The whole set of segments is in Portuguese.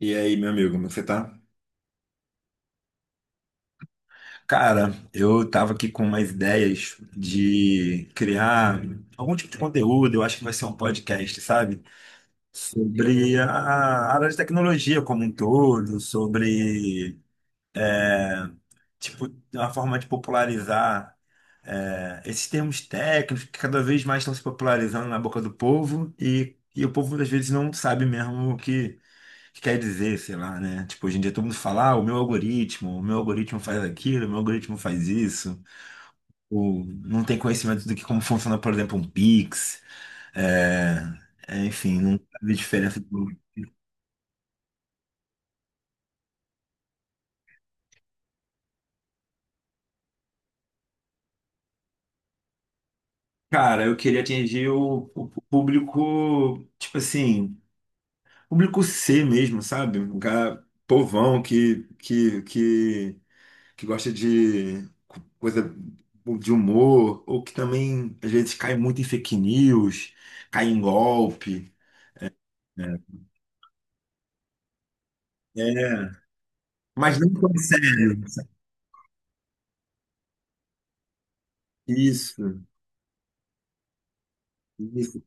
E aí, meu amigo, como você tá? Cara, eu tava aqui com umas ideias de criar algum tipo de conteúdo, eu acho que vai ser um podcast, sabe? Sobre a área de tecnologia como um todo, sobre, tipo, uma forma de popularizar esses termos técnicos que cada vez mais estão se popularizando na boca do povo e o povo, às vezes, não sabe mesmo o que quer dizer, sei lá, né? Tipo, hoje em dia todo mundo fala, ah, o meu algoritmo faz aquilo, o meu algoritmo faz isso. O, não tem conhecimento do que como funciona, por exemplo, um Pix. É, enfim, não sabe a diferença. Cara, eu queria atingir o público, tipo assim, público C mesmo, sabe? Um cara povão que gosta de coisa de humor, ou que também às vezes cai muito em fake news, cai em golpe. Né? É, mas não tão sério. Isso, isso.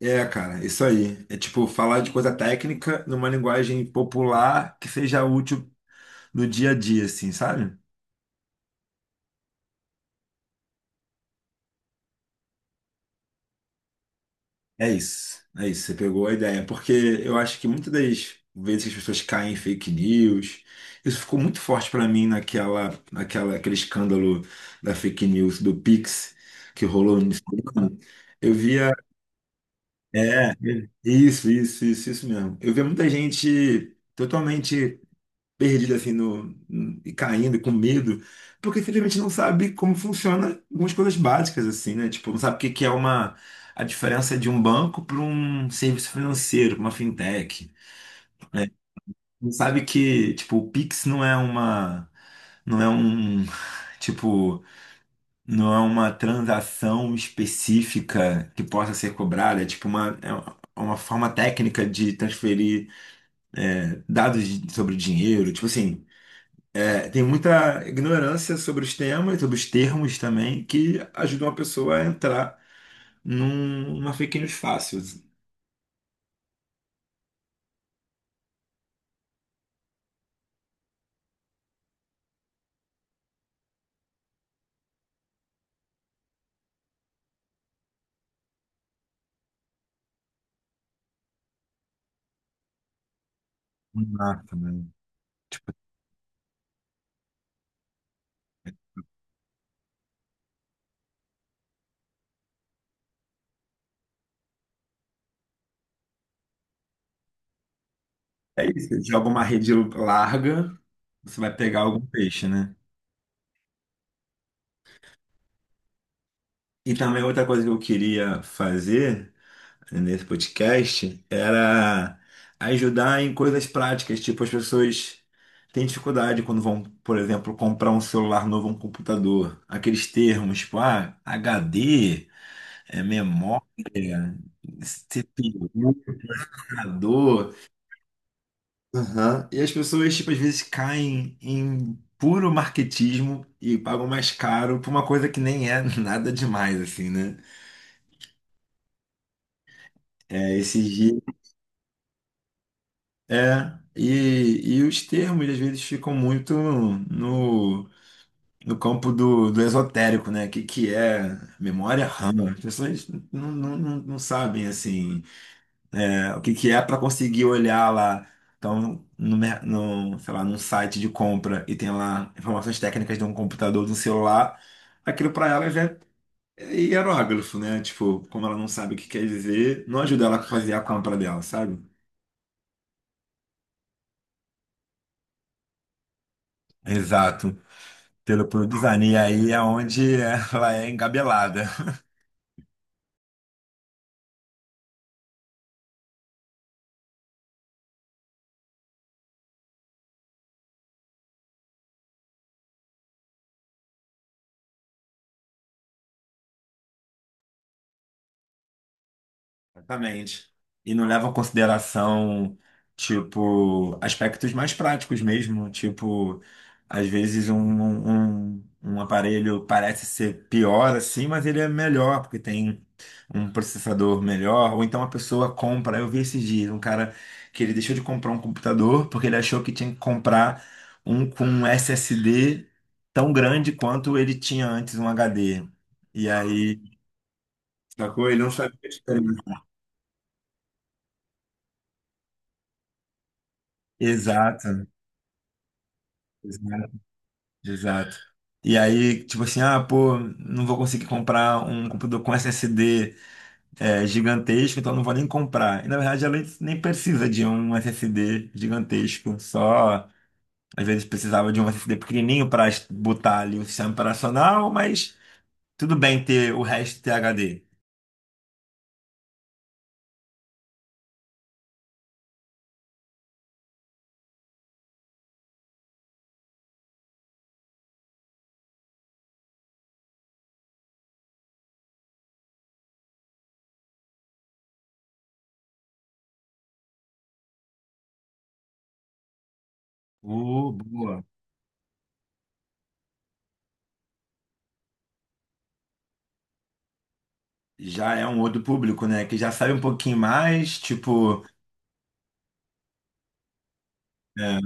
É, cara, isso aí. É tipo falar de coisa técnica numa linguagem popular que seja útil no dia a dia, assim, sabe? É isso, você pegou a ideia, porque eu acho que muitas das vezes que as pessoas caem em fake news, isso ficou muito forte pra mim aquele escândalo da fake news do Pix que rolou no Instagram. Eu via, é, isso mesmo. Eu via muita gente totalmente perdido assim no, e caindo com medo, porque simplesmente não sabe como funciona algumas coisas básicas assim, né? Tipo, não sabe o que que é uma a diferença de um banco para um serviço financeiro, pra uma fintech. Não sabe que, tipo, o Pix não é uma não é um, tipo, não é uma transação específica que possa ser cobrada, é tipo uma forma técnica de transferir dados sobre dinheiro, tipo assim. Tem muita ignorância sobre os temas, sobre os termos também, que ajudam a pessoa a entrar numa fake news fácil. Exato, né? Você joga uma rede larga, você vai pegar algum peixe, né? E também outra coisa que eu queria fazer, né, nesse podcast era ajudar em coisas práticas, tipo as pessoas têm dificuldade quando vão, por exemplo, comprar um celular novo, um computador. Aqueles termos, tipo, ah, HD, é memória. Ser provocador. Aham. E as pessoas, tipo, às vezes caem em puro marketismo e pagam mais caro por uma coisa que nem é nada demais, assim, né? É, esses dias. É. E os termos, às vezes, ficam muito no, no campo do esotérico, né? O que é memória RAM? As pessoas não sabem, assim. É, o que que é para conseguir olhar lá. Então, no, no, sei lá, num site de compra e tem lá informações técnicas de um computador, de um celular, aquilo para ela já é hieróglifo, né? Tipo, como ela não sabe o que quer dizer, não ajuda ela a fazer a compra dela, sabe? Exato. Pelo design. E aí é onde ela é engabelada. Exatamente. E não leva em consideração, tipo, aspectos mais práticos mesmo. Tipo, às vezes um aparelho parece ser pior assim, mas ele é melhor, porque tem um processador melhor. Ou então a pessoa compra. Eu vi esses dias um cara que ele deixou de comprar um computador porque ele achou que tinha que comprar um com um SSD tão grande quanto ele tinha antes um HD. E aí, sacou? Ele não sabia a diferença. Exato. Exato. Exato. E aí, tipo assim, ah, pô, não vou conseguir comprar um computador com SSD gigantesco, então não vou nem comprar. E na verdade ela nem precisa de um SSD gigantesco, só às vezes precisava de um SSD pequenininho para botar ali o sistema operacional, mas tudo bem ter o resto ter HD. Boa. Já é um outro público, né? Que já sabe um pouquinho mais, tipo. É.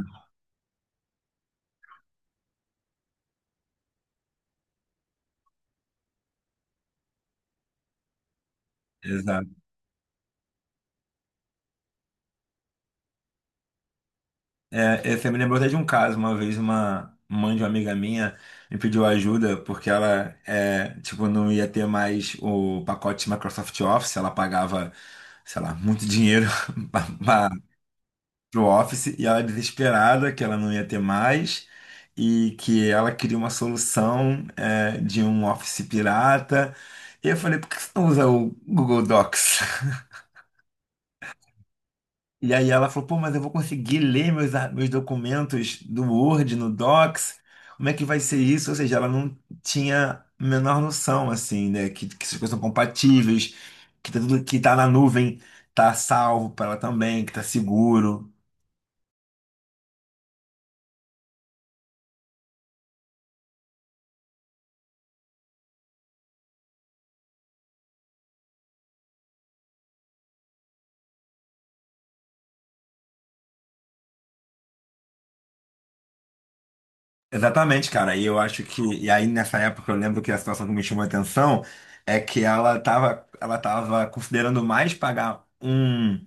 É, você me lembrou até de um caso, uma vez uma mãe de uma amiga minha me pediu ajuda porque ela é, tipo, não ia ter mais o pacote Microsoft Office, ela pagava, sei lá, muito dinheiro para o Office e ela desesperada que ela não ia ter mais e que ela queria uma solução de um Office pirata. E eu falei, por que você não usa o Google Docs? E aí ela falou, pô, mas eu vou conseguir ler meus, meus documentos do Word, no Docs, como é que vai ser isso? Ou seja, ela não tinha a menor noção, assim, né, que essas coisas são compatíveis, que tá tudo que tá na nuvem tá salvo para ela também, que tá seguro. Exatamente, cara, e eu acho que, e aí nessa época eu lembro que a situação que me chamou a atenção é que ela tava considerando mais pagar um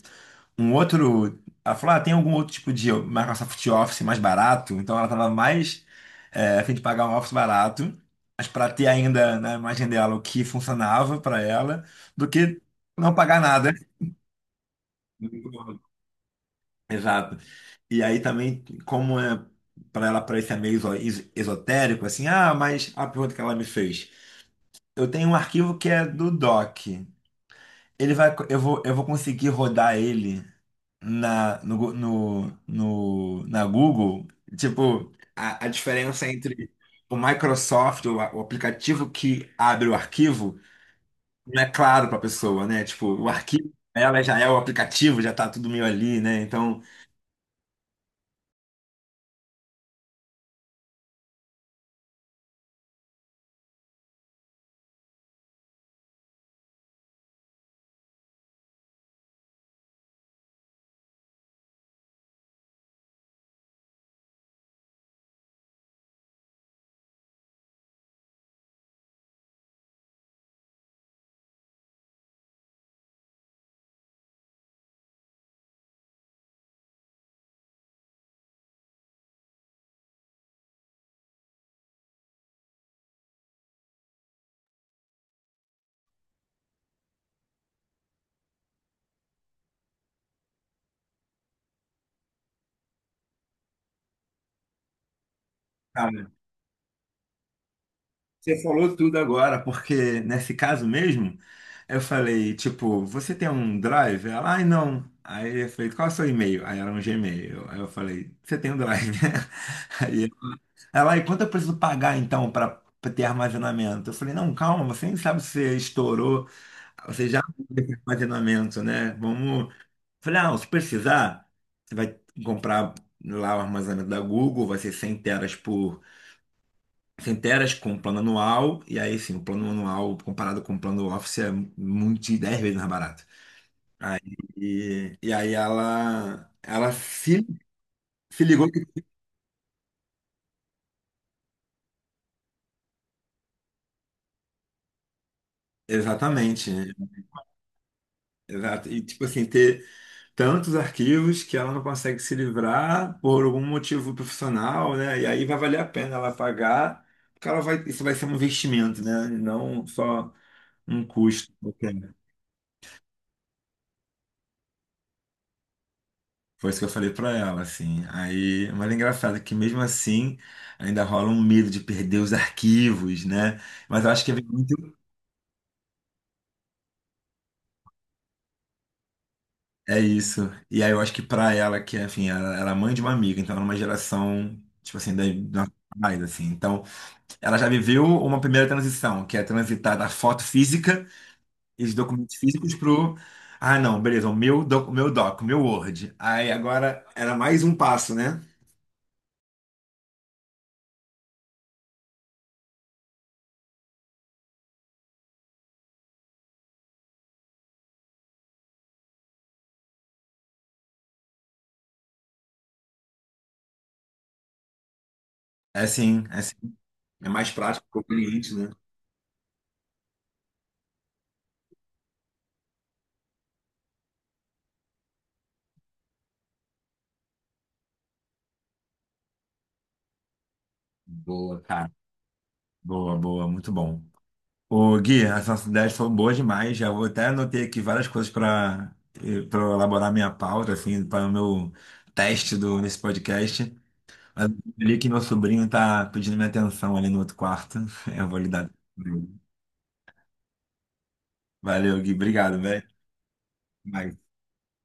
um outro. Ela falou: ah, tem algum outro tipo de Microsoft Office mais barato? Então ela estava mais a fim de pagar um Office barato, mas para ter ainda na imagem dela o que funcionava para ela, do que não pagar nada. Exato. E aí também, como é para ela parecer meio esotérico, assim, ah, mas a pergunta que ela me fez. Eu tenho um arquivo que é do Doc. Ele vai, eu vou conseguir rodar ele na, na Google, tipo, a diferença entre o Microsoft, o aplicativo que abre o arquivo, não é claro para a pessoa, né? Tipo, o arquivo, ela já é o aplicativo, já tá tudo meio ali, né? Então, cara, você falou tudo agora, porque nesse caso mesmo, eu falei, tipo, você tem um Drive? Ela, ai, não. Aí eu falei, qual é o seu e-mail? Aí era um Gmail. Aí eu falei, você tem um Drive, né? Ela, e quanto eu preciso pagar então para ter armazenamento? Eu falei, não, calma, você nem sabe se você estourou, você já tem armazenamento, né? Vamos. Eu falei, ah, se precisar, você vai comprar lá o armazenamento da Google, vai ser 100 teras por 100 teras com plano anual, e aí sim, o plano anual comparado com o plano Office é muito de 10 vezes mais barato. Aí, e aí ela se, se ligou que. Exatamente. Exato. E tipo assim, ter tantos arquivos que ela não consegue se livrar por algum motivo profissional, né? E aí vai valer a pena ela pagar, porque ela vai, isso vai ser um investimento, né? E não só um custo qualquer. Foi isso que eu falei para ela, assim. Aí, mas é engraçado que mesmo assim ainda rola um medo de perder os arquivos, né? Mas eu acho que é muito é isso. E aí eu acho que pra ela, que enfim, ela é mãe de uma amiga, então ela é uma geração, tipo assim, da, da mais, assim. Então ela já viveu uma primeira transição, que é transitar da foto física e dos documentos físicos pro. Ah, não, beleza, o meu Word. Aí agora era mais um passo, né? É assim, é assim, é mais prático, conveniente, né? Boa, cara. Boa, boa, muito bom. Ô, Gui, as nossas ideias foram boas demais. Já vou até anotei aqui várias coisas para para elaborar minha pauta, assim, para o meu teste do, nesse podcast. Mas eu li que meu sobrinho tá pedindo minha atenção ali no outro quarto. Eu vou lhe dar. Valeu, Gui. Obrigado, velho. Até mais.